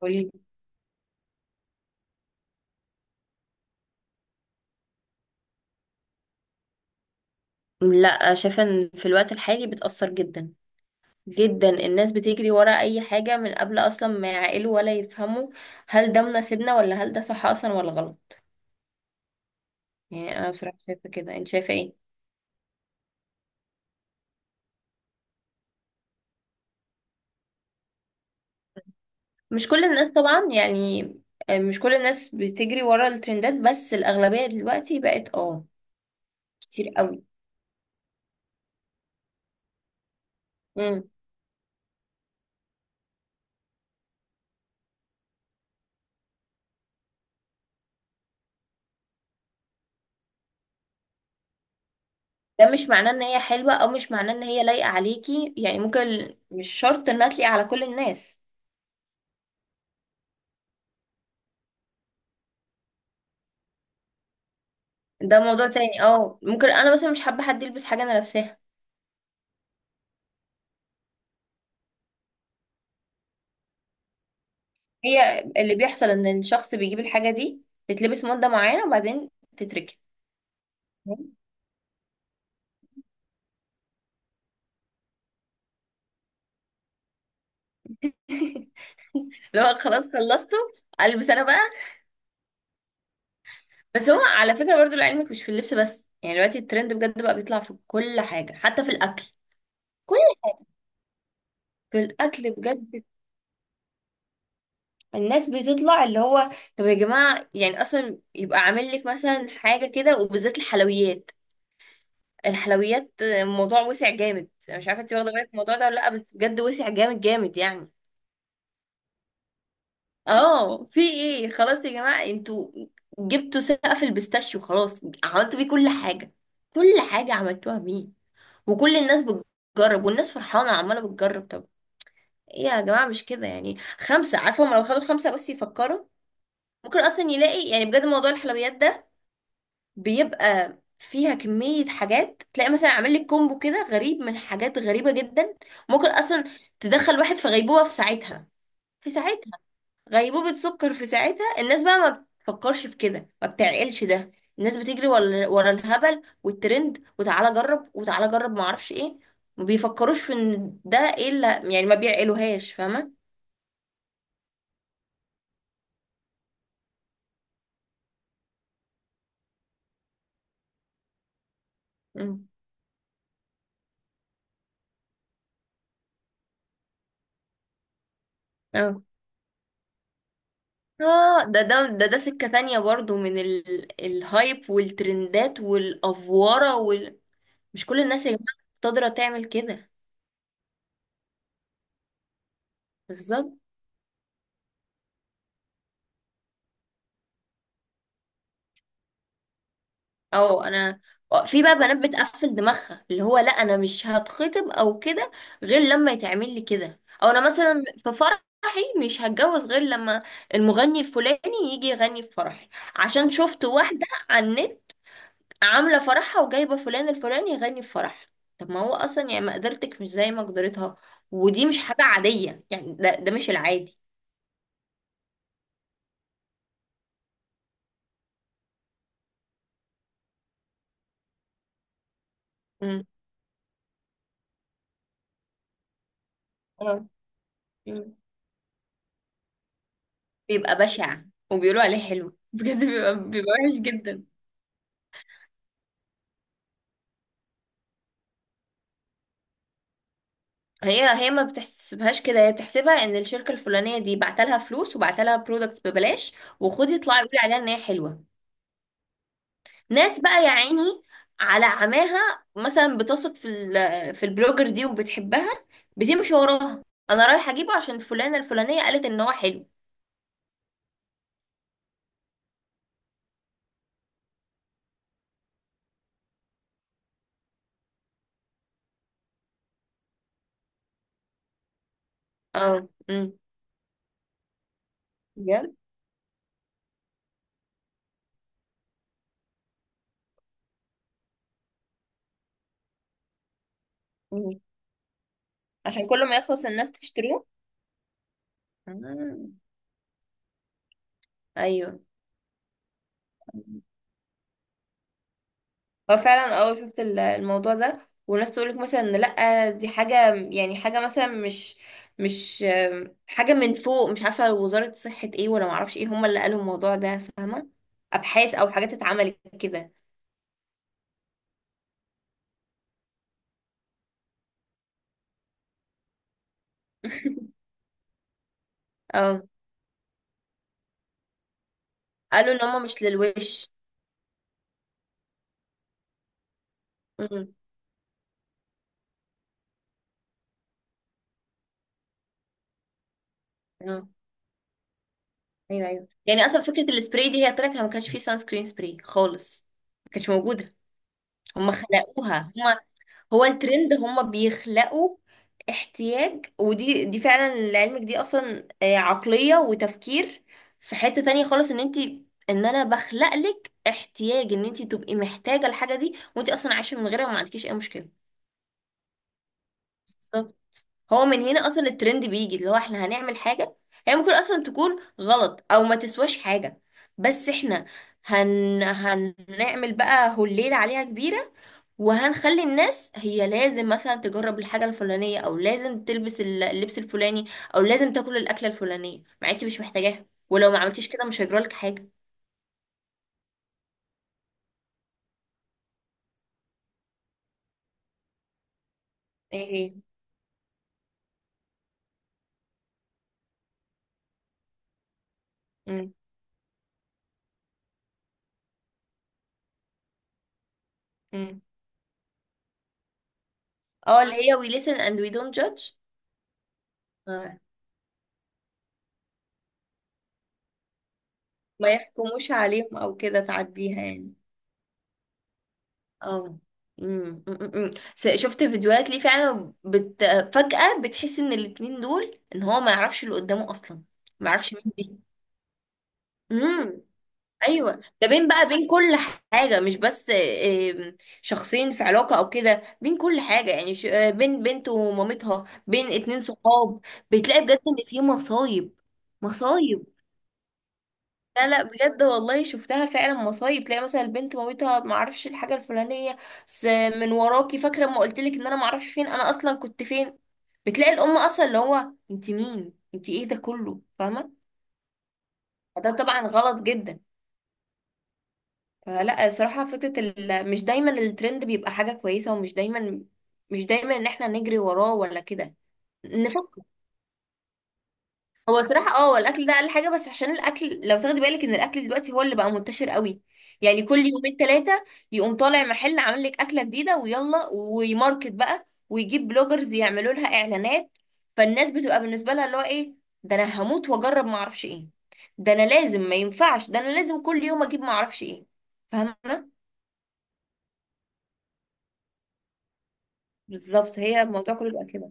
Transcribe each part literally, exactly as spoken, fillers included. قولي. لا، شايفة ان في الوقت الحالي بتأثر جدا جدا. الناس بتجري ورا اي حاجة من قبل اصلا ما يعقلوا ولا يفهموا هل ده مناسبنا ولا هل ده صح اصلا ولا غلط. يعني انا بصراحة شايفة كده، انت شايفة ايه؟ مش كل الناس طبعا يعني. آه، مش كل الناس بتجري ورا الترندات بس الاغلبية دلوقتي بقت اه كتير قوي. مم. ده مش معناه ان هي حلوة او مش معناه ان هي لايقة عليكي، يعني ممكن مش شرط انها تليق على كل الناس. ده موضوع تاني، اه ممكن انا مثلا مش حابة حد يلبس حاجة انا لابساها. هي اللي بيحصل ان الشخص بيجيب الحاجة دي تتلبس مدة معينة وبعدين تتركن. لو خلاص خلصته، البس انا بقى. بس هو على فكرة برضو لعلمك مش في اللبس بس، يعني دلوقتي الترند بجد بقى بيطلع في كل حاجة حتى في الأكل. كل في الأكل بجد الناس بتطلع اللي هو. طب يا جماعة، يعني أصلا يبقى عامل لك مثلا حاجة كده وبالذات الحلويات. الحلويات الموضوع وسع جامد، أنا مش عارفة انت واخدة بالك من الموضوع ده ولا لأ، بس بجد وسع جامد جامد يعني. اه في ايه؟ خلاص يا جماعة انتوا جبتوا سقف البيستاشيو، خلاص عملتوا بيه كل حاجة، كل حاجة عملتوها بيه، وكل الناس بتجرب والناس فرحانة عمالة بتجرب. طب ايه يا جماعة مش كده يعني؟ خمسة، عارفة، هما لو خدوا خمسة بس يفكروا ممكن اصلا يلاقي، يعني بجد موضوع الحلويات ده بيبقى فيها كمية حاجات، تلاقي مثلا عامل لك كومبو كده غريب من حاجات غريبة جدا. ممكن اصلا تدخل واحد في غيبوبة في ساعتها، في ساعتها، غيبوبة سكر في ساعتها. الناس بقى ما بتفكرش في كده ما بتعقلش ده. الناس بتجري ورا ورا الهبل والترند، وتعالى جرب وتعالى جرب ما اعرفش ايه. ما بيفكروش في ان ده ايه اللي، يعني ما بيعقلوهاش، فاهمة. مم. اه اه ده ده ده ده سكة تانية برضو من ال... الهايب والترندات والأفوارة وال... مش كل الناس يا جماعة قادرة تعمل كده. بالظبط. اه انا في بقى بنات بتقفل دماغها اللي هو لا انا مش هتخطب او كده، غير لما يتعمل لي كده، او انا مثلا في فرحي مش هتجوز غير لما المغني الفلاني يجي يغني في فرحي، عشان شفت واحدة على النت عاملة فرحها وجايبة فلان الفلاني يغني في فرحها. طب ما هو اصلا يعني مقدرتك مش زي مقدرتها، ودي مش حاجة عادية يعني، ده ده مش العادي. امم. اه. مم. بيبقى بشع وبيقولوا عليه حلو. بجد بيبقى بيبقى وحش جدا. هي هي ما بتحسبهاش كده، هي بتحسبها ان الشركه الفلانيه دي بعتلها فلوس وبعتلها برودكتس ببلاش، وخدي اطلعي قولي عليها ان هي حلوه. ناس بقى يا عيني على عماها، مثلا بتثق في ال- في البلوجر دي وبتحبها، بتمشي وراها، انا رايحه اجيبه عشان فلانه الفلانيه قالت ان هو حلو. اه. امم. بجد. مم. عشان كل ما يخلص الناس تشتريه. مم. ايوه. هو فعلا اه شفت ال- الموضوع ده، وناس تقولك مثلا إن لأ دي حاجة يعني حاجة مثلا مش مش آم، حاجة من فوق، مش عارفة وزارة صحة ايه ولا معرفش ايه هما اللي قالوا الموضوع ده، فاهمة. أبحاث أو حاجات اتعملت كده. اه قالوا ان هما مش للوش. امم. اه. ايوه ايوه، يعني اصلا فكره السبراي دي هي طلعت، ما كانش فيه سان سكرين سبراي خالص، ما كانتش موجوده. هما خلقوها هما. هو الترند هما بيخلقوا احتياج، ودي دي فعلا لعلمك، دي اصلا آه، عقلية وتفكير في حتة تانية خالص، ان انت ان انا بخلق لك احتياج ان انت تبقي محتاجة الحاجة دي، وانت اصلا عايشة من غيرها وما عندكيش اي مشكلة. بالظبط. هو من هنا اصلا الترند بيجي، اللي هو احنا هنعمل حاجة هي ممكن اصلا تكون غلط او ما تسواش حاجة، بس احنا هن هنعمل بقى هليلة عليها كبيرة، وهنخلي الناس هي لازم مثلا تجرب الحاجة الفلانية او لازم تلبس ال- اللبس الفلاني، او لازم تاكل الأكلة الفلانية مع انت مش محتاجاها، ولو ما عملتيش كده مش هيجرالك حاجة. ايه. امم. امم. اه اللي هي we listen and we don't judge. آه. ما يحكموش عليهم او كده، تعديها يعني. اه. أمم، أمم، أمم. س- شفت فيديوهات ليه فعلا بت... فجأة بتحس ان الاتنين دول ان هو ما يعرفش اللي قدامه اصلا، ما يعرفش مين. دي. ايوه. ده بين بقى، بين كل حاجه، مش بس آم، شخصين في علاقه او كده، بين كل حاجه يعني، ش- آه، بين بنت ومامتها، بين اتنين صحاب. بتلاقي بجد ان في مصايب مصايب. لا لا، بجد والله شفتها فعلا مصايب، تلاقي مثلا البنت مامتها ما اعرفش الحاجه الفلانيه س- من وراكي، فاكره لما قلت لك ان انا ما اعرفش فين انا اصلا كنت فين. بتلاقي الام اصلا اللي هو انت مين، انت ايه، ده كله، فاهمه. ده طبعا غلط جدا. فلا صراحة فكرة ال... مش دايما الترند بيبقى حاجة كويسة، ومش دايما، مش دايما ان احنا نجري وراه ولا كده. نفكر. هو صراحة اه هو الاكل ده اقل حاجة، بس عشان الاكل لو تاخدي بالك ان الاكل دلوقتي هو اللي بقى منتشر قوي، يعني كل يومين ثلاثة يقوم طالع محل عامل لك اكلة جديدة، ويلا ويماركت بقى ويجيب بلوجرز يعملوا لها اعلانات. فالناس بتبقى بالنسبة لها اللي هو ايه، ده انا هموت واجرب ما اعرفش ايه، ده انا لازم، ما ينفعش، ده انا لازم كل يوم اجيب ما اعرفش ايه، فاهمة. بالظبط، هي الموضوع كله بيبقى كده.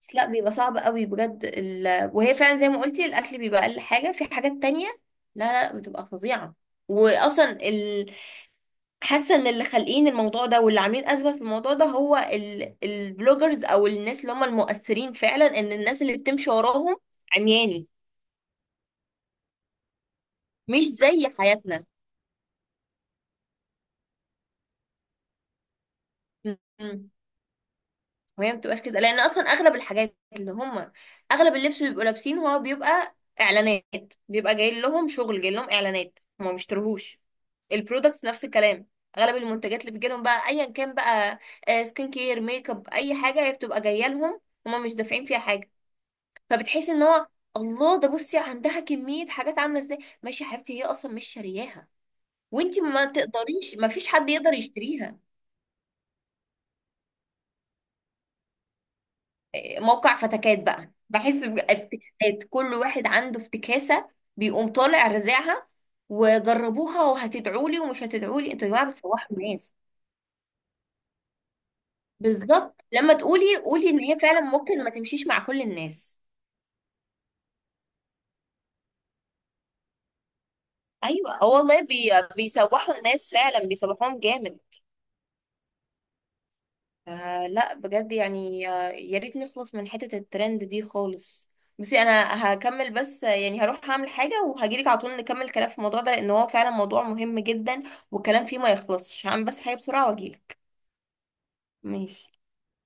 بس لا، بيبقى صعب قوي بجد ال... وهي فعلا زي ما قلتي الاكل بيبقى اقل حاجه، في حاجات تانية لا لا لا، بتبقى فظيعه، واصلا ال... حاسه ان اللي خالقين الموضوع ده، واللي عاملين ازمه في الموضوع ده، هو ال... البلوجرز او الناس اللي هم المؤثرين فعلا، ان الناس اللي بتمشي وراهم عمياني، مش زي حياتنا. وهي ما بتبقاش كده، لان اصلا اغلب الحاجات اللي هم، اغلب اللبس اللي بيبقوا لابسينه هو بيبقى اعلانات، بيبقى جاي لهم شغل، جاي لهم اعلانات، هم ما بيشتروهوش. البرودكتس نفس الكلام، اغلب المنتجات اللي بتجي لهم بقى، ايا كان بقى آه، سكين كير، ميك اب، اي حاجه هي بتبقى جايه لهم، هم مش دافعين فيها حاجه. فبتحس ان هو، الله، ده بصي عندها كميه حاجات عامله ازاي، ماشي يا حبيبتي، هي اصلا مش شارياها، وانتي ما تقدريش، ما فيش حد يقدر يشتريها. موقع فتكات بقى، بحس بافتكاسات، كل واحد عنده افتكاسة، بيقوم طالع رزعها وجربوها وهتدعوا لي ومش هتدعوا لي، انتوا يا جماعة بتسوحوا الناس. بالظبط، لما تقولي قولي ان هي فعلا ممكن ما تمشيش مع كل الناس. ايوه، اه والله بي... بيسوحوا الناس فعلا، بيسوحوهم جامد. آه لا بجد يعني، آه يا ريت نخلص من حتة الترند دي خالص. بصي انا هكمل بس، آه، يعني هروح هعمل حاجة وهجيلك على طول نكمل الكلام في الموضوع ده، لان هو فعلا موضوع مهم جدا والكلام فيه ما يخلصش، هعمل بس حاجة بسرعة واجيلك. ماشي.